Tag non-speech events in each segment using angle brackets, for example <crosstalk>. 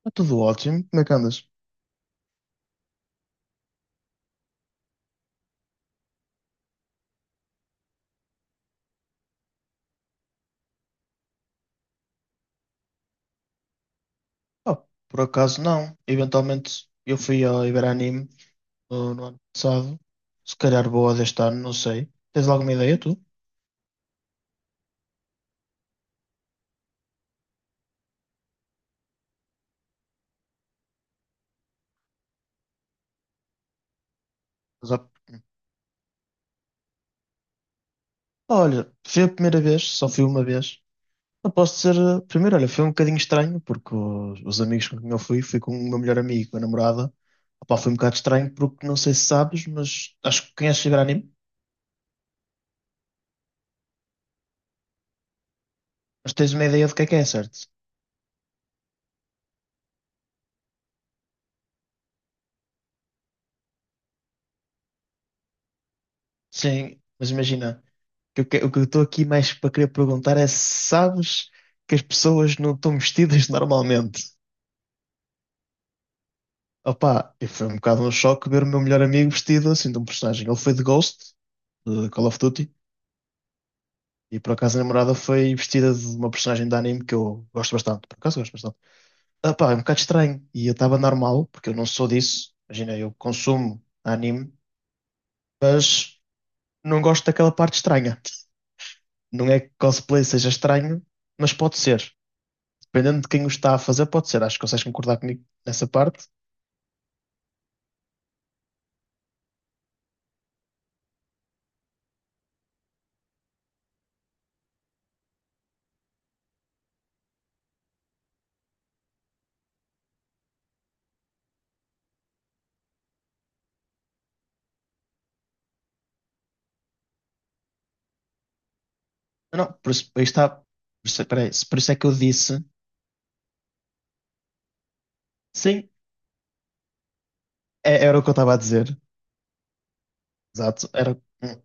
Está tudo ótimo. Como é que andas? Ah, por acaso não. Eventualmente eu fui ao Iberanime no ano passado. Se calhar boa deste ano, não sei. Tens alguma ideia tu? Mas, ah, Olha, fui a primeira vez, só fui uma vez. Não posso dizer, primeiro, olha, foi um bocadinho estranho, porque os amigos com quem eu fui, fui com o meu melhor amigo, com a namorada. Opá, foi um bocado estranho, porque não sei se sabes, mas acho que conheces o Iberanime, mas tens uma ideia do que é, certo? Sim, mas imagina. O que eu estou aqui mais para querer perguntar é se sabes que as pessoas não estão vestidas <laughs> normalmente. Opa, e foi um bocado um choque ver o meu melhor amigo vestido assim de um personagem. Ele foi de Ghost, de Call of Duty, e por acaso a namorada foi vestida de uma personagem de anime que eu gosto bastante. Por acaso gosto bastante. Opa, é um bocado estranho. E eu estava normal, porque eu não sou disso. Imagina, eu consumo anime, mas não gosto daquela parte estranha. Não é que cosplay seja estranho, mas pode ser, dependendo de quem o está a fazer, pode ser. Acho que consegues concordar comigo nessa parte. Não, por isso, aí está. Por isso, peraí, se- por isso é que eu disse. Sim, era o que eu estava a dizer. Exato, era. Hum,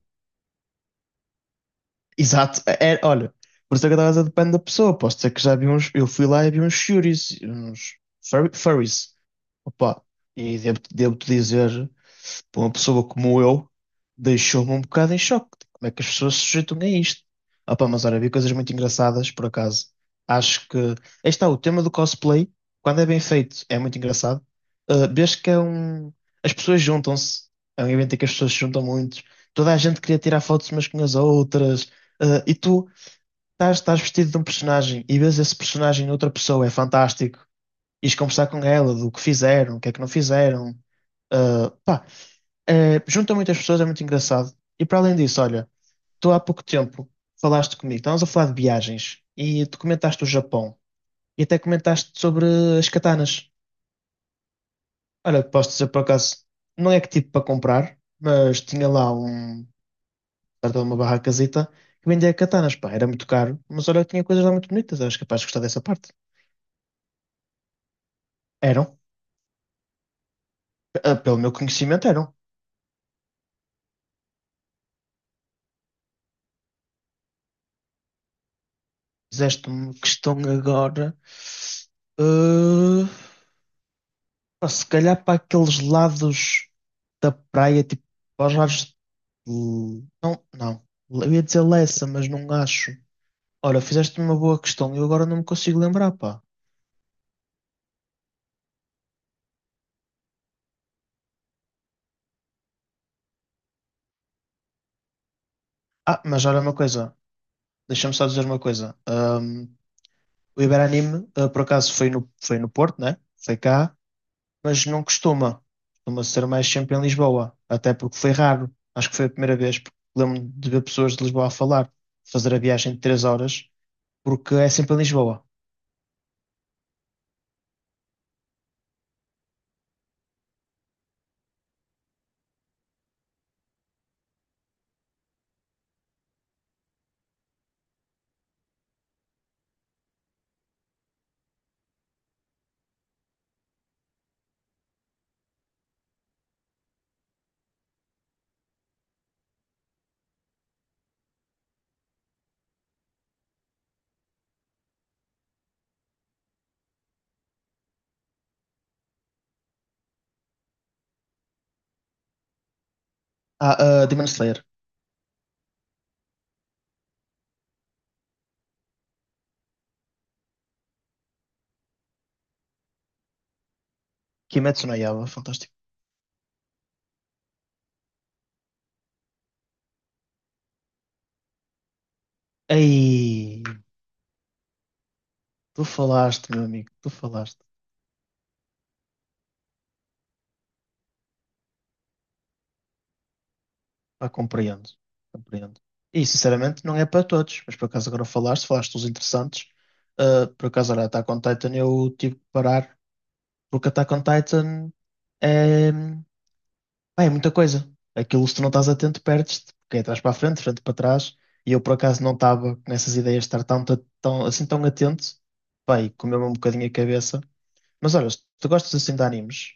Exato, olha, por isso é que eu estava a dizer, depende da pessoa. Posso dizer que já vi uns. Eu fui lá e vi uns Shuris, uns furries. Opa, e devo-te dizer, para uma pessoa como eu, deixou-me um bocado em choque. Tipo, como é que as pessoas se sujeitam a isto? Opa, mas olha, vi coisas muito engraçadas, por acaso. Acho que, aí está, o tema do cosplay, quando é bem feito, é muito engraçado. Vês que é um. As pessoas juntam-se. É um evento em que as pessoas se juntam muito. Toda a gente queria tirar fotos umas com as outras. E tu estás vestido de um personagem e vês esse personagem em outra pessoa, é fantástico. Ires conversar com ela do que fizeram, o que é que não fizeram. Pá, é, junta muitas pessoas, é muito engraçado. E para além disso, olha, tu há pouco tempo falaste comigo, estávamos a falar de viagens e tu comentaste o Japão e até comentaste sobre as katanas. Olha, posso dizer por acaso, não é que tipo para comprar, mas tinha lá um, perto de uma barracazita que vendia katanas, pá, era muito caro, mas olha, que tinha coisas lá muito bonitas, eras capaz de gostar dessa parte. Eram, pelo meu conhecimento, eram. Fizeste-me questão agora. Eh, Pá, se calhar para aqueles lados da praia, tipo, para os lados de... Não. Eu ia dizer Lessa, mas não acho. Ora, fizeste uma boa questão. Eu agora não me consigo lembrar, pá. Ah, mas olha uma coisa. Deixa-me só dizer uma coisa. O Iberanime, ah, por acaso, foi foi no Porto, né? Foi cá. Mas não costuma. Costuma ser mais sempre em Lisboa. Até porque foi raro. Acho que foi a primeira vez. Porque lembro-me de ver pessoas de Lisboa a falar. Fazer a viagem de três horas. Porque é sempre em Lisboa. Ah, ah, Demon Slayer. Kimetsu no Yaiba, fantástico. Ei, tu falaste. Ah, compreendo. E sinceramente não é para todos, mas por acaso agora falaste dos interessantes. Ah, por acaso, olha, Attack on Titan eu tive que parar, porque Attack on Titan é, pá, é muita coisa. Aquilo se tu não estás atento, perdes-te, porque é atrás para a frente, frente para trás. E eu por acaso não estava nessas ideias de estar assim tão atento. Pá, e comeu-me um bocadinho a cabeça. Mas olha, se tu gostas assim de animes,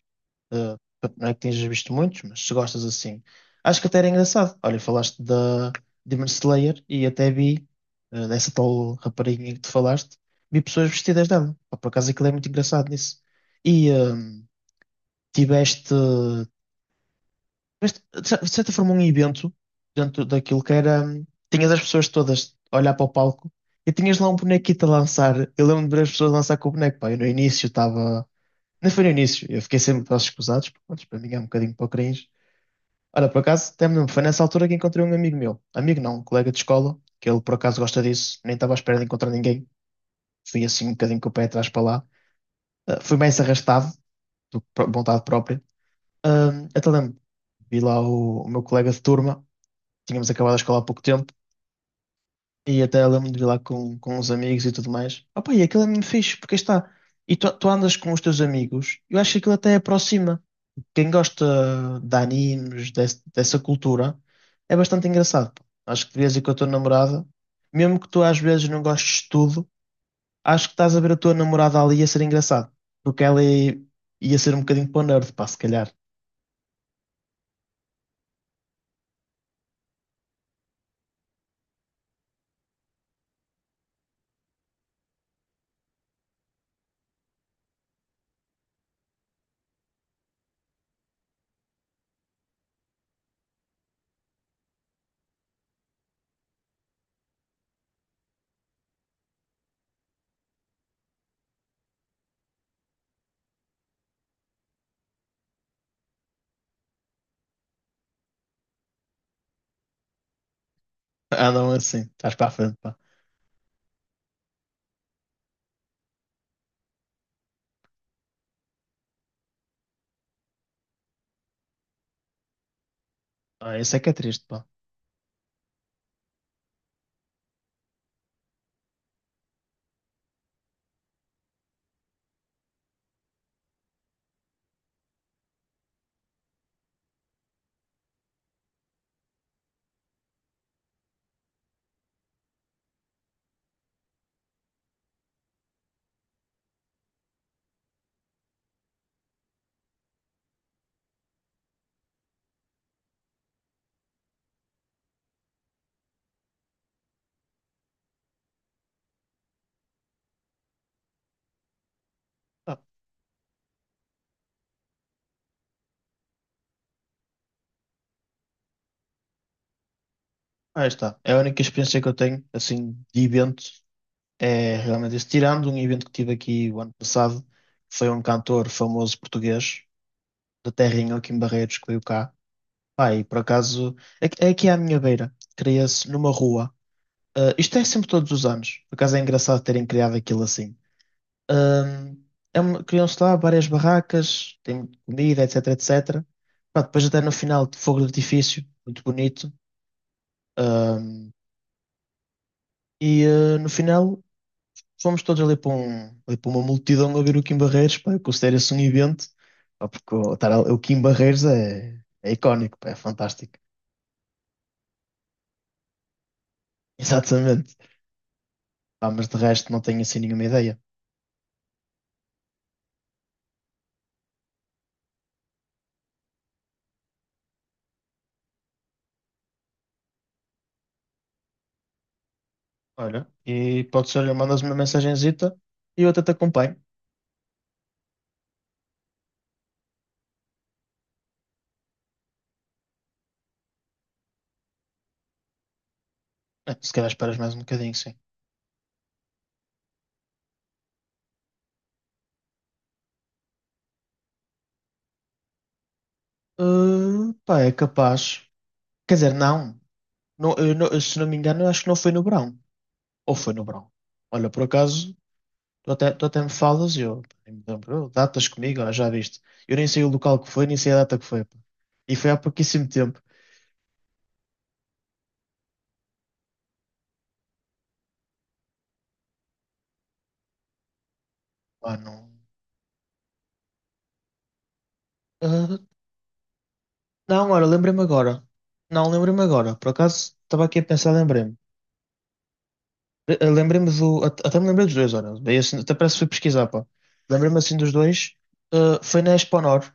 eh, não é que tenhas visto muitos, mas se gostas assim, acho que até era engraçado. Olha, falaste da Demon Slayer e até vi dessa tal rapariguinha que tu falaste, vi pessoas vestidas dela. Pá, por acaso aquilo é muito engraçado nisso. E tiveste, tiveste, de certa forma, um evento dentro daquilo que era. Tinhas as pessoas todas a olhar para o palco e tinhas lá um bonequito a lançar. Eu lembro de ver as pessoas lançar com o boneco. Pá, eu no início estava. Não foi no início, eu fiquei sempre para os escusados, porque pronto, para mim é um bocadinho para o cringe. Olha, por acaso, até me lembro, foi nessa altura que encontrei um amigo meu, amigo não, um colega de escola, que ele por acaso gosta disso, nem estava à espera de encontrar ninguém, fui assim um bocadinho com o pé atrás para lá. Ah, fui mais arrastado, do que por vontade própria. Ah, até lembro, vi lá o meu colega de turma, tínhamos acabado a escola há pouco tempo, e até lembro de vir lá com uns amigos e tudo mais. Opa, e aquilo é mesmo fixe, porque aí está, e tu andas com os teus amigos, eu acho que aquilo até aproxima, quem gosta de animes, dessa cultura, é bastante engraçado, pá. Acho que devias ir com a tua namorada, mesmo que tu às vezes não gostes de tudo, acho que estás a ver a tua namorada ali a ser engraçado, porque ia ser um bocadinho para o nerd, pá, se calhar. <laughs> Andam assim, estás para a frente, pá. Ah, isso é que é triste, pá. Ah, aí está. É a única experiência que eu tenho, assim, de evento. É realmente isso. Tirando um evento que tive aqui o ano passado, que foi um cantor famoso português, da terrinha aqui em Barreiros que veio cá. Pá, e por acaso, é aqui à minha beira, cria-se numa rua. Ah, isto é sempre todos os anos, por acaso é engraçado terem criado aquilo assim. Ahm, É uma- criam-se lá várias barracas, tem comida, etc, etc. Pá, depois até no final, de fogo de artifício, muito bonito. Ahm, no final, fomos todos ali para, um, ali para uma multidão a ver o Kim Barreiros, pá, eu considero-se um evento, pá, porque o Kim Barreiros é icónico, pá, é fantástico. <laughs> Exatamente. Pá, mas de resto não tenho assim nenhuma ideia. Olha, e pode ser, olha, mandas-me uma mensagenzita e eu até te acompanho. É, se calhar esperas mais um bocadinho, sim. Ah, pá, é capaz. Quer dizer, não. Não, eu não- se não me engano, eu acho que não foi no verão. Ou foi no verão. Olha, por acaso, tu até me falas e eu nem me lembro. "Oh, datas comigo, ó, já viste. Eu nem sei o local que foi, nem sei a data que foi, pá. E foi há pouquíssimo tempo. Ah, não. Ah, lembrei-me agora. Não, lembrei-me agora. Por acaso, estava aqui a pensar, lembrei-me. Lembrei-me do. Até me lembrei dos dois, ora. Bem, assim, até parece que fui pesquisar, pá. Lembrei-me assim dos dois. Ah, foi na Expo Honor.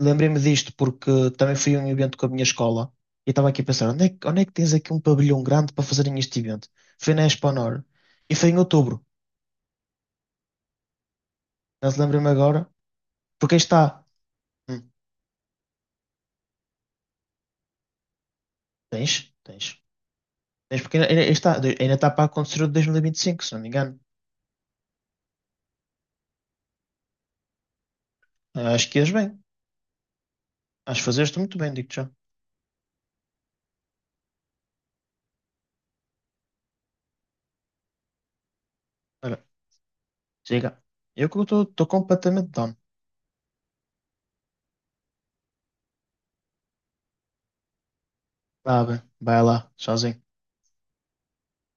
Lembrei-me disto porque também fui a um evento com a minha escola. E estava aqui a pensar, onde é que tens aqui um pavilhão grande para fazerem este evento? Foi na Expo Honor. E foi em outubro. Já se lembra-me agora. Porque aí está. Hum, Tens, tens. Tens porque aí está, ainda está para acontecer o de 2025, se não me engano. Ah, acho que és bem. Acho que fazeste muito bem, digo-te já. Olha, chega. Eu que estou completamente down. Vá, bem. Vai lá, sozinho.